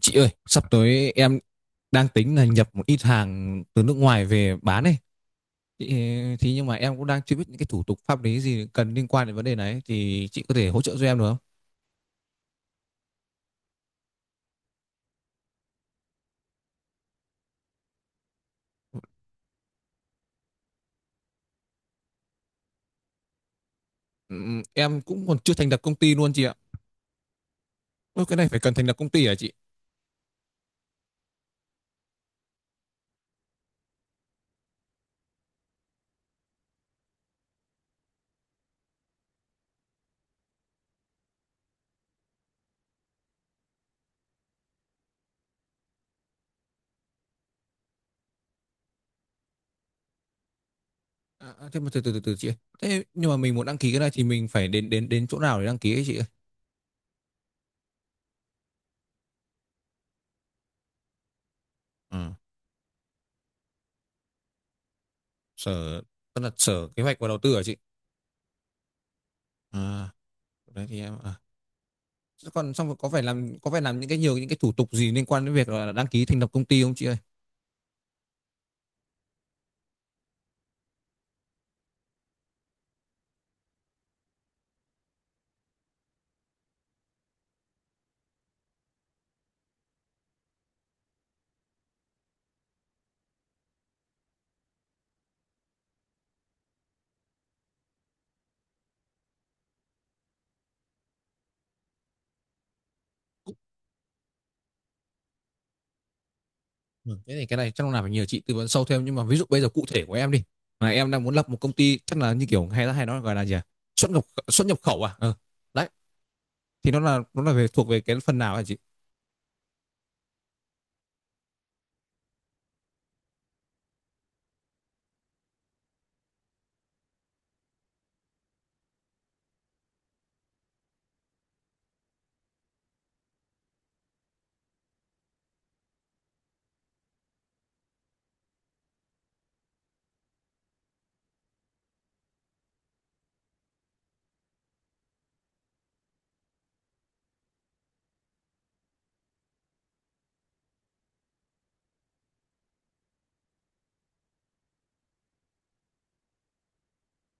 Chị ơi, sắp tới em đang tính là nhập một ít hàng từ nước ngoài về bán ấy. Chị, thì nhưng mà em cũng đang chưa biết những cái thủ tục pháp lý gì cần liên quan đến vấn đề này, thì chị có thể hỗ trợ cho em được không? Em cũng còn chưa thành lập công ty luôn chị ạ. Ôi, cái này phải cần thành lập công ty hả chị? À, à, thế mà từ từ chị ơi. Thế nhưng mà mình muốn đăng ký cái này thì mình phải đến đến đến chỗ nào để đăng ký ấy chị ơi? Ừ, sở tức là sở kế hoạch và đầu tư hả chị? À, đấy thì em à. Thế còn xong rồi có phải làm những cái nhiều những cái thủ tục gì liên quan đến việc là đăng ký thành lập công ty không chị ơi? Ừ, thế thì cái này chắc là phải nhờ chị tư vấn sâu thêm, nhưng mà ví dụ bây giờ cụ thể của em đi, mà em đang muốn lập một công ty chắc là như kiểu hay là hay nói gọi là gì à? Xuất nhập khẩu à ừ. Đấy thì nó là thuộc về cái phần nào hả chị?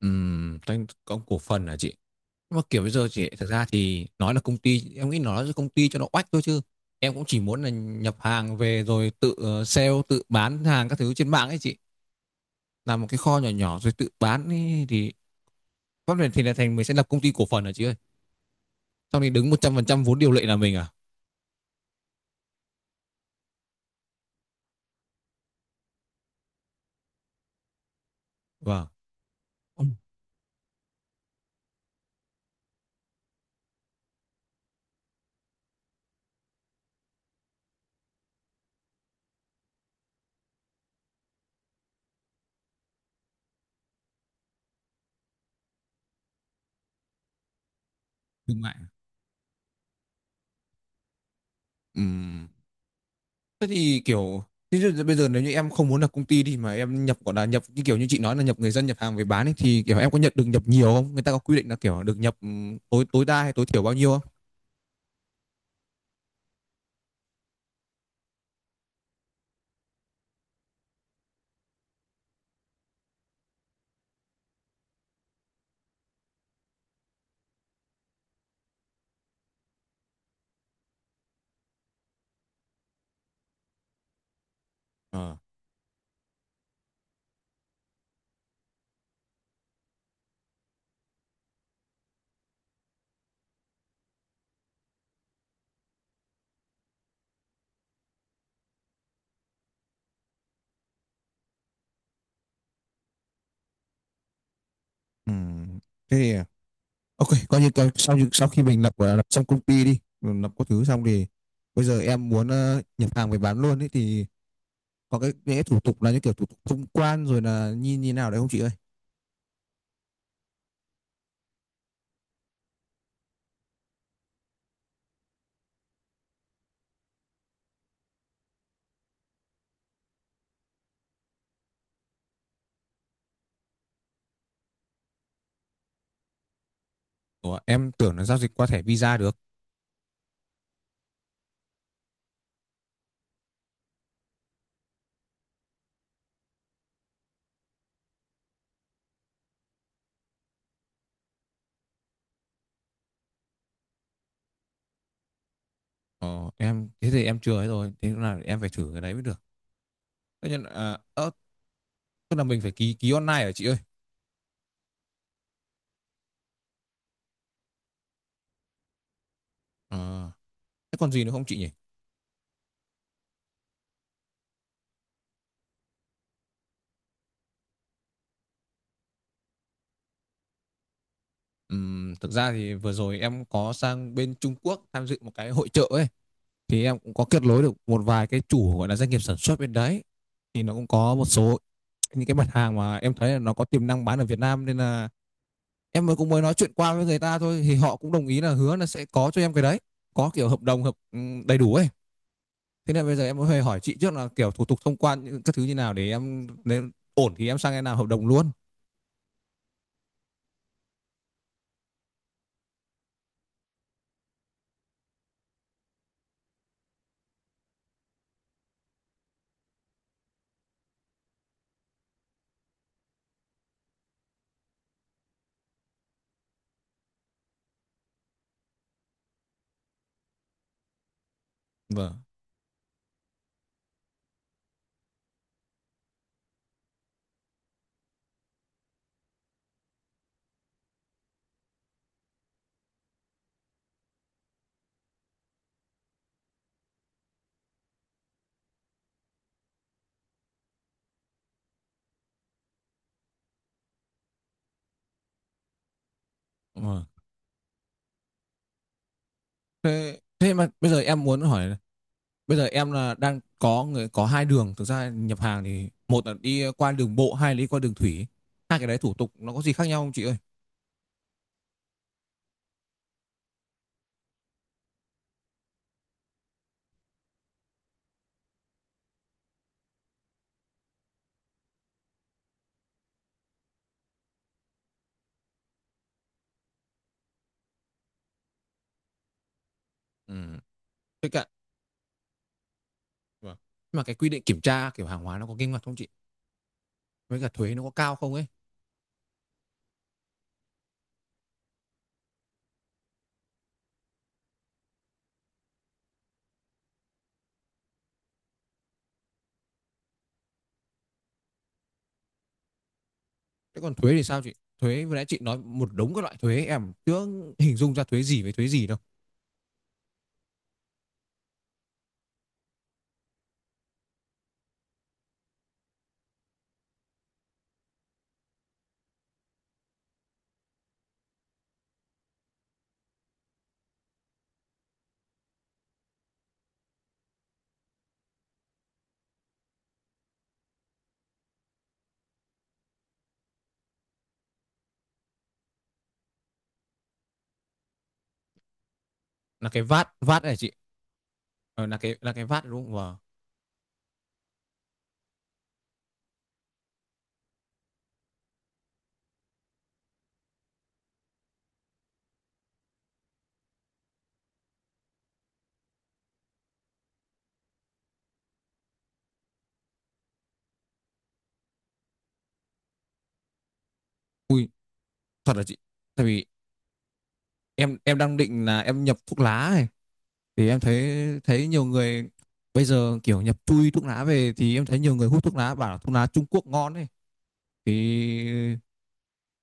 Tranh có cổ phần hả chị, nhưng mà kiểu bây giờ chị thực ra thì nói là công ty em nghĩ nói là công ty cho nó oách thôi chứ em cũng chỉ muốn là nhập hàng về rồi tự sale, tự bán hàng các thứ trên mạng ấy chị, làm một cái kho nhỏ nhỏ rồi tự bán ấy, thì pháp luật thì là thành mình sẽ lập công ty cổ phần hả chị ơi, sau này đứng 100% vốn điều lệ là mình à? Vâng. Ừ. Thương mại. Ừ. Thế thì kiểu thế thì bây giờ nếu như em không muốn lập công ty đi, mà em nhập gọi là nhập như kiểu như chị nói là nhập người dân nhập hàng về bán ấy, thì kiểu em có nhận được nhập nhiều không? Người ta có quy định là kiểu được nhập, tối tối đa hay tối thiểu bao nhiêu không? Ờ. Ừ. Thế thì ok, coi như, sau sau khi mình lập gọi là lập xong công ty đi, mình lập có thứ xong thì bây giờ em muốn nhập hàng về bán luôn ấy, thì có những cái thủ tục là những kiểu thủ tục thông quan rồi là như như nào đấy không chị ơi? Ủa, em tưởng là giao dịch qua thẻ Visa được. Ờ, em thế thì em chưa ấy rồi, thế là em phải thử cái đấy mới được, thế nhưng à, tức là mình phải ký ký online hả chị ơi? Ờ, thế còn gì nữa không chị nhỉ? Thực ra thì vừa rồi em có sang bên Trung Quốc tham dự một cái hội chợ ấy, thì em cũng có kết nối được một vài cái chủ gọi là doanh nghiệp sản xuất bên đấy, thì nó cũng có một số những cái mặt hàng mà em thấy là nó có tiềm năng bán ở Việt Nam, nên là em mới cũng mới nói chuyện qua với người ta thôi, thì họ cũng đồng ý là hứa là sẽ có cho em cái đấy, có kiểu hợp đồng hợp đầy đủ ấy. Thế nên bây giờ em cũng phải hỏi chị trước là kiểu thủ tục thông quan những các thứ như nào, để em nếu ổn thì em sang em làm hợp đồng luôn. Vâng. Vâng. Thế mà bây giờ em muốn hỏi, bây giờ em là đang có người có hai đường thực ra nhập hàng, thì một là đi qua đường bộ, hai là đi qua đường thủy. Hai cái đấy thủ tục nó có gì khác nhau không chị ơi? Ừ. Với cả, vâng. Mà cái quy định kiểm tra kiểu hàng hóa nó có nghiêm ngặt không chị, với cả thuế nó có cao không ấy? Thế còn thuế thì sao chị? Thuế vừa nãy chị nói một đống các loại thuế, em chưa hình dung ra thuế gì với thuế gì đâu. Là cái vát vát này chị. Ờ, là cái vát đúng không? Wow. Ui, thật là chị. Tại vì em đang định là em nhập thuốc lá này, thì em thấy thấy nhiều người bây giờ kiểu nhập chui thuốc lá về, thì em thấy nhiều người hút thuốc lá bảo là thuốc lá Trung Quốc ngon ấy. Thì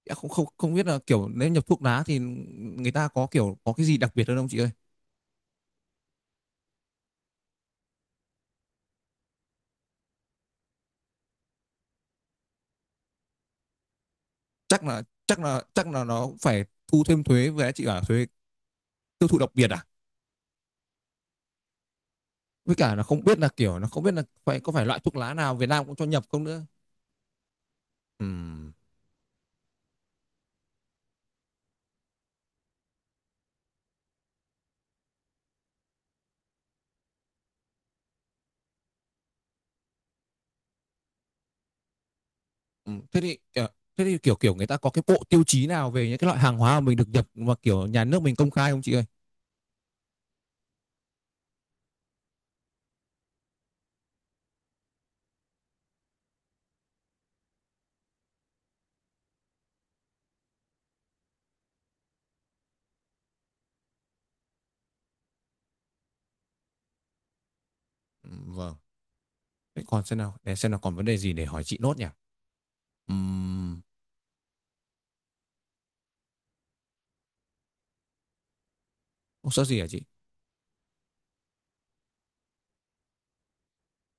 em không không không biết là kiểu nếu nhập thuốc lá thì người ta có kiểu có cái gì đặc biệt hơn không chị ơi? Chắc là nó phải thu thêm thuế, với chị bảo thuế tiêu thụ đặc biệt à? Với cả là không biết là kiểu nó không biết là phải loại thuốc lá nào Việt Nam cũng cho nhập không nữa. Ừm. Ừ, thế thì kiểu kiểu người ta có cái bộ tiêu chí nào về những cái loại hàng hóa mà mình được nhập, mà kiểu nhà nước mình công khai không chị ơi? Ừ, vâng. Thế còn để xem nào còn vấn đề gì để hỏi chị nốt nhỉ? Ừm, Hồ sơ gì hả chị?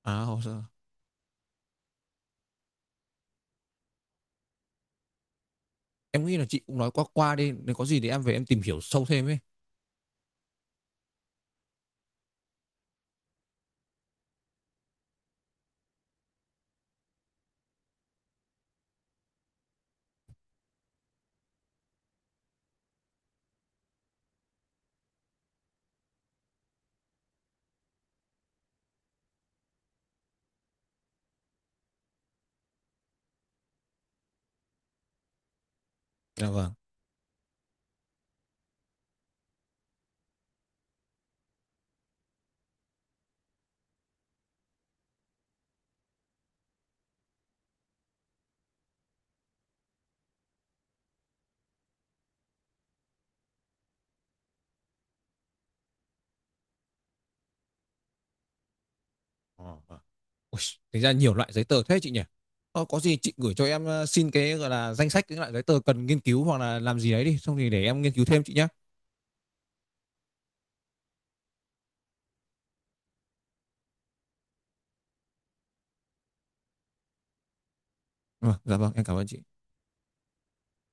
À, hồ sơ. Em nghĩ là chị cũng nói qua qua đi, nếu có gì thì em về em tìm hiểu sâu thêm ấy. Dạ vâng. Ờ, vâng. Ui, tính ra nhiều loại giấy tờ thế chị nhỉ? Ờ, có gì chị gửi cho em xin cái gọi là danh sách những loại giấy tờ cần nghiên cứu hoặc là làm gì đấy đi, xong thì để em nghiên cứu thêm chị nhé. Vâng, dạ vâng, em cảm ơn chị.